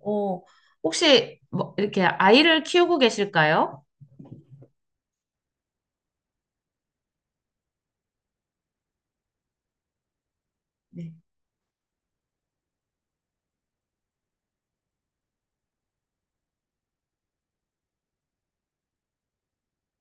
어, 혹시 뭐 이렇게 아이를 키우고 계실까요? 네.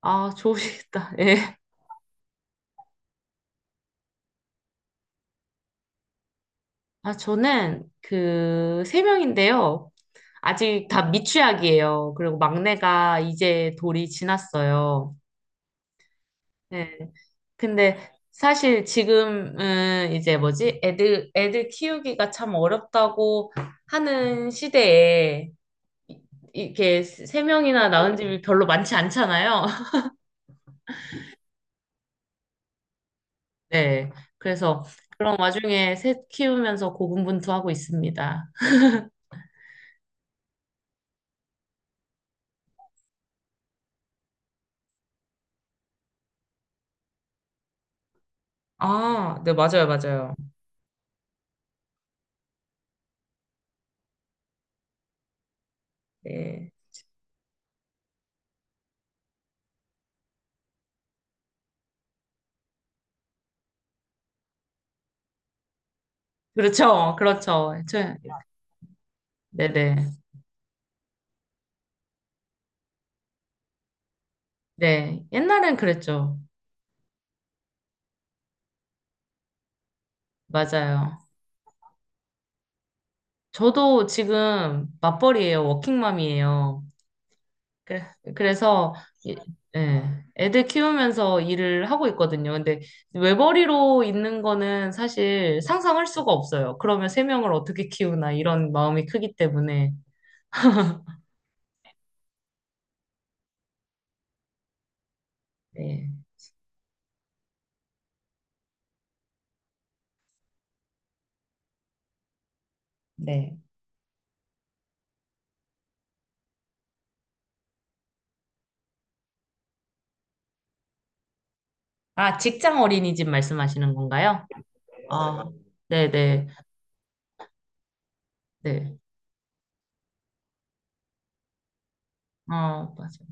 아, 좋으시겠다. 예. 아, 저는 그 세 명인데요. 아직 다 미취학이에요. 그리고 막내가 이제 돌이 지났어요. 네. 근데 사실 지금은 이제 뭐지? 애들 키우기가 참 어렵다고 하는 시대에 이- 이렇게 3명이나 낳은 집이 별로 많지 않잖아요. 네. 그래서 그런 와중에 새 키우면서 고군분투하고 있습니다. 아, 네, 맞아요, 맞아요. 네. 그렇죠. 그렇죠. 네네. 네. 옛날엔 그랬죠. 맞아요. 저도 지금 맞벌이에요. 워킹맘이에요. 그래- 그래서, 이- 예, 애들 키우면서 일을 하고 있거든요. 근데 외벌이로 있는 거는 사실 상상할 수가 없어요. 그러면 3명을 어떻게 키우나 이런 마음이 크기 때문에. 네. 네. 아, 직장 어린이집 말씀하시는 건가요? 아, 네네, 네. 네. 어, 맞아요.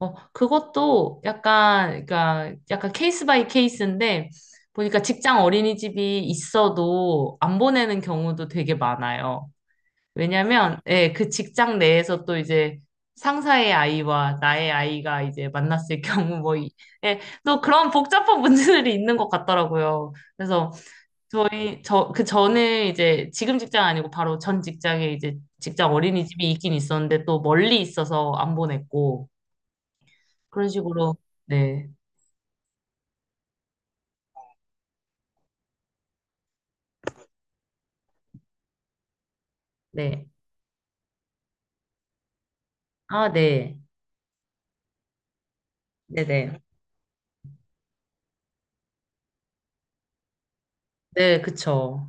어, 그것도 약간, 그러니까 약간 케이스 바이 케이스인데, 보니까 직장 어린이집이 있어도 안 보내는 경우도 되게 많아요. 왜냐면, 예, 그 직장 내에서 또 이제 상사의 아이와 나의 아이가 이제 만났을 경우 뭐, 예, 또 그런 복잡한 문제들이 있는 것 같더라고요. 그래서 저희 그 전에 이제 지금 직장 아니고 바로 전 직장에 이제 직장 어린이집이 있긴 있었는데 또 멀리 있어서 안 보냈고 그런 식으로 네. 네. 아, 네. 네, 네. 네, 그쵸.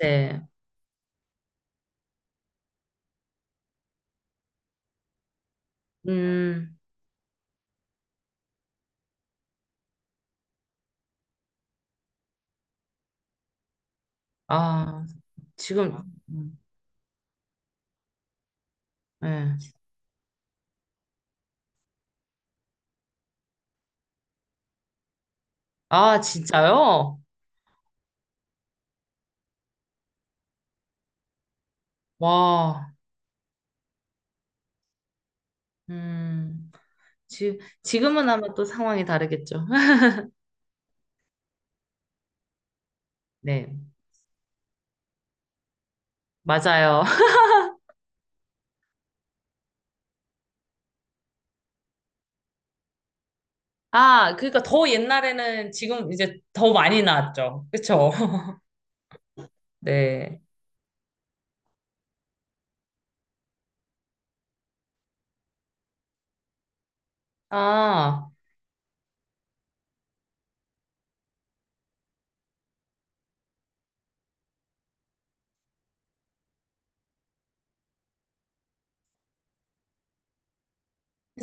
네. 음. 아, 지금 음, 네. 아, 진짜요? 와. 음. 지금은 아마 또 상황이 다르겠죠. 네. 맞아요. 아, 그러니까 더 옛날에는 지금 이제 더 많이 나왔죠. 그쵸? 네. 아,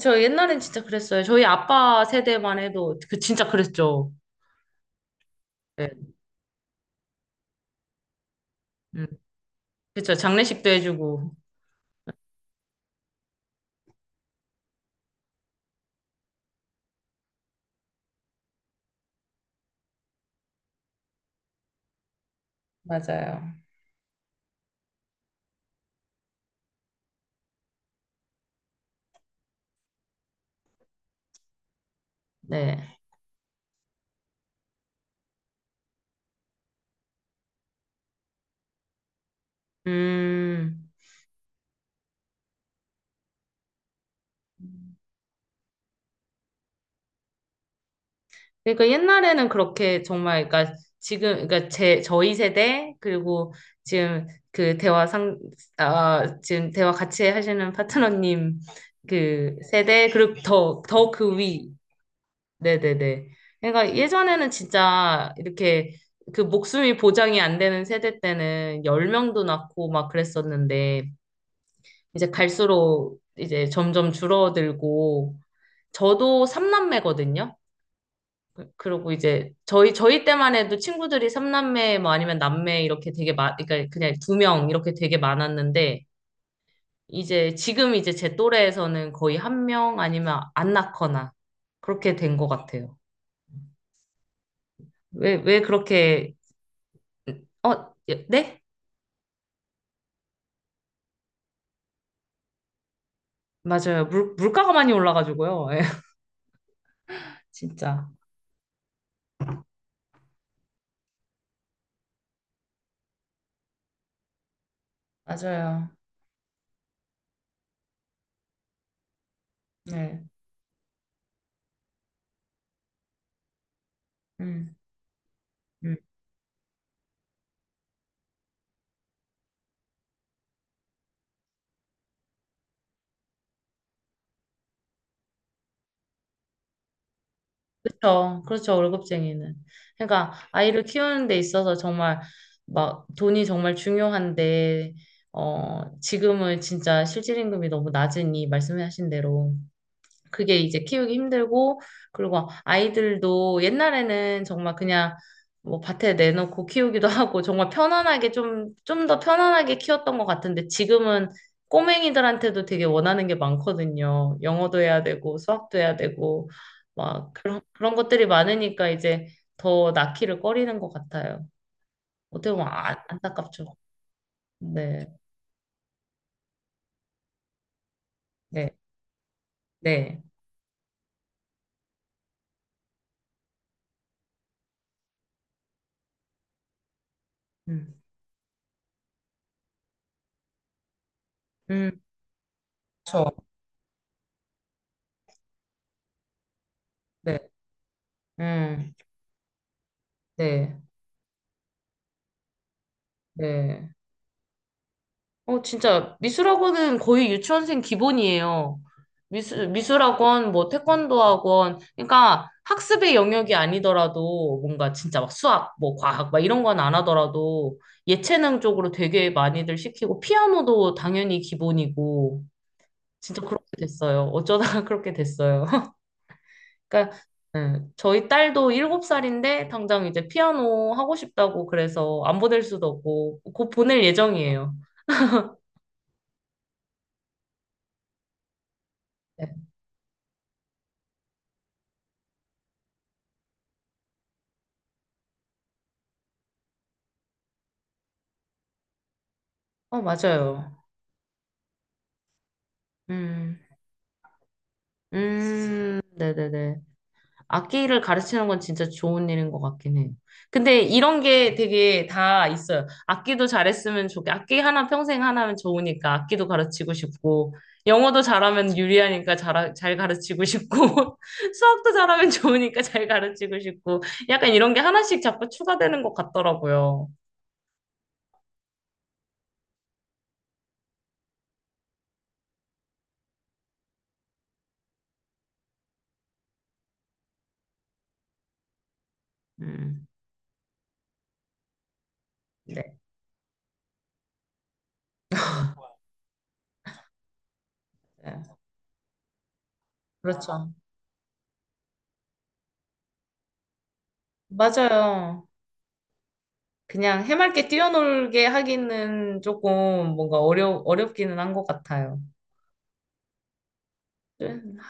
저 옛날엔 진짜 그랬어요. 저희 아빠 세대만 해도 그 진짜 그랬죠. 네. 음, 그쵸. 장례식도 해주고. 맞아요. 네. 음. 그러니까 옛날에는 그렇게 정말, 그러니까 지금, 그러니까 저희 세대, 그리고 지금 그 대화 상, 아, 지금 대화 같이 하시는 파트너님 그 세대, 그리고 더, 더 그 위. 네네네. 그러니까 예전에는 진짜 이렇게 그 목숨이 보장이 안 되는 세대 때는 10명도 낳고 막 그랬었는데 이제 갈수록 이제 점점 줄어들고 저도 삼남매거든요 그리고 이제 저희 때만 해도 친구들이 삼남매뭐 아니면 남매 이렇게 되게 많 그러니까 그냥 2명 이렇게 되게 많았는데 이제 지금 이제 제 또래에서는 거의 1명 아니면 안 낳거나 그렇게 된 것 같아요. 왜 그렇게 어, 예, 네? 맞아요. 물가가 많이 올라가지고요. 예, 진짜. 맞아요. 네. 음, 음. 그렇죠. 그렇죠. 월급쟁이는. 그러니까 아이를 키우는 데 있어서 정말 막 돈이 정말 중요한데, 어, 지금은 진짜 실질 임금이 너무 낮으니 말씀하신 대로 그게 이제 키우기 힘들고, 그리고 아이들도 옛날에는 정말 그냥 뭐 밭에 내놓고 키우기도 하고, 정말 편안하게 좀 더 편안하게 키웠던 것 같은데, 지금은 꼬맹이들한테도 되게 원하는 게 많거든요. 영어도 해야 되고, 수학도 해야 되고, 막 그런 것들이 많으니까 이제 더 낳기를 꺼리는 것 같아요. 어떻게 보면 안타깝죠. 네, 네, 네. 음, 음, 그렇죠. 네, 음, 네, 네. 어, 진짜 미술학원은 거의 유치원생 기본이에요. 미술학원, 뭐 태권도 학원. 그러니까 학습의 영역이 아니더라도 뭔가 진짜 막 수학, 뭐 과학, 막 이런 건 안 하더라도 예체능 쪽으로 되게 많이들 시키고 피아노도 당연히 기본이고 진짜 그렇게 됐어요. 어쩌다가 그렇게 됐어요. 그러니까 예, 저희 딸도 7살인데 당장 이제 피아노 하고 싶다고 그래서 안 보낼 수도 없고 곧 보낼 예정이에요. 네. 어, 맞아요. 음, 네네네. 악기를 가르치는 건 진짜 좋은 일인 것 같긴 해요. 근데 이런 게 되게 다 있어요. 악기도 잘했으면 좋게, 악기 하나 평생 하나면 좋으니까 악기도 가르치고 싶고, 영어도 잘하면 유리하니까 잘 가르치고 싶고, 수학도 잘하면 좋으니까 잘 가르치고 싶고, 약간 이런 게 하나씩 자꾸 추가되는 것 같더라고요. 음, 네. 네. 그렇죠. 맞아요. 그냥 해맑게 뛰어놀게 하기는 조금 뭔가 어렵기는 한 것 같아요. 네.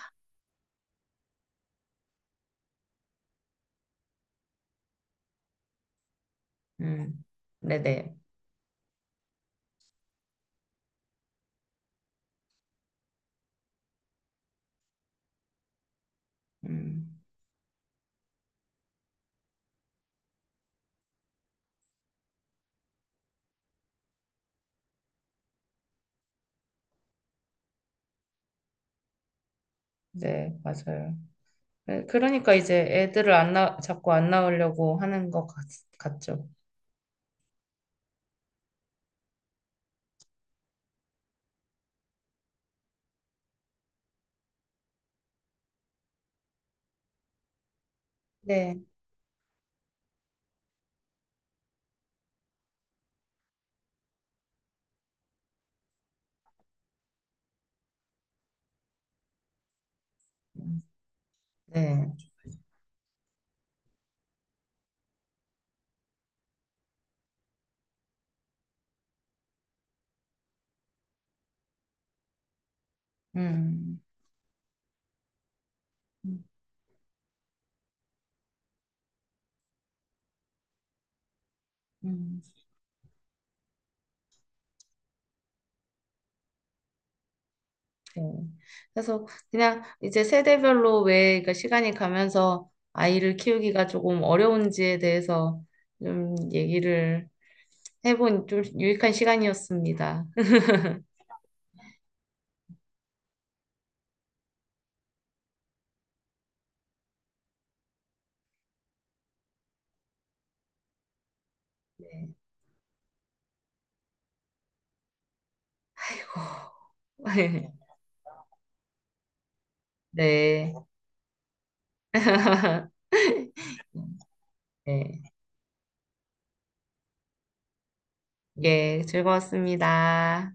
음, 네네. 음, 네, 맞아요. 네, 그러니까 이제 애들을 안 나, 자꾸 안 낳으려고 하는 것 같죠. 네. 음, 네. 음. 음, 음, 네. 그래서 그냥 이제 세대별로 왜 그러니까 시간이 가면서 아이를 키우기가 조금 어려운지에 대해서 좀 얘기를 해본 좀 유익한 시간이었습니다. 네. 네. 네. 예, 즐거웠습니다.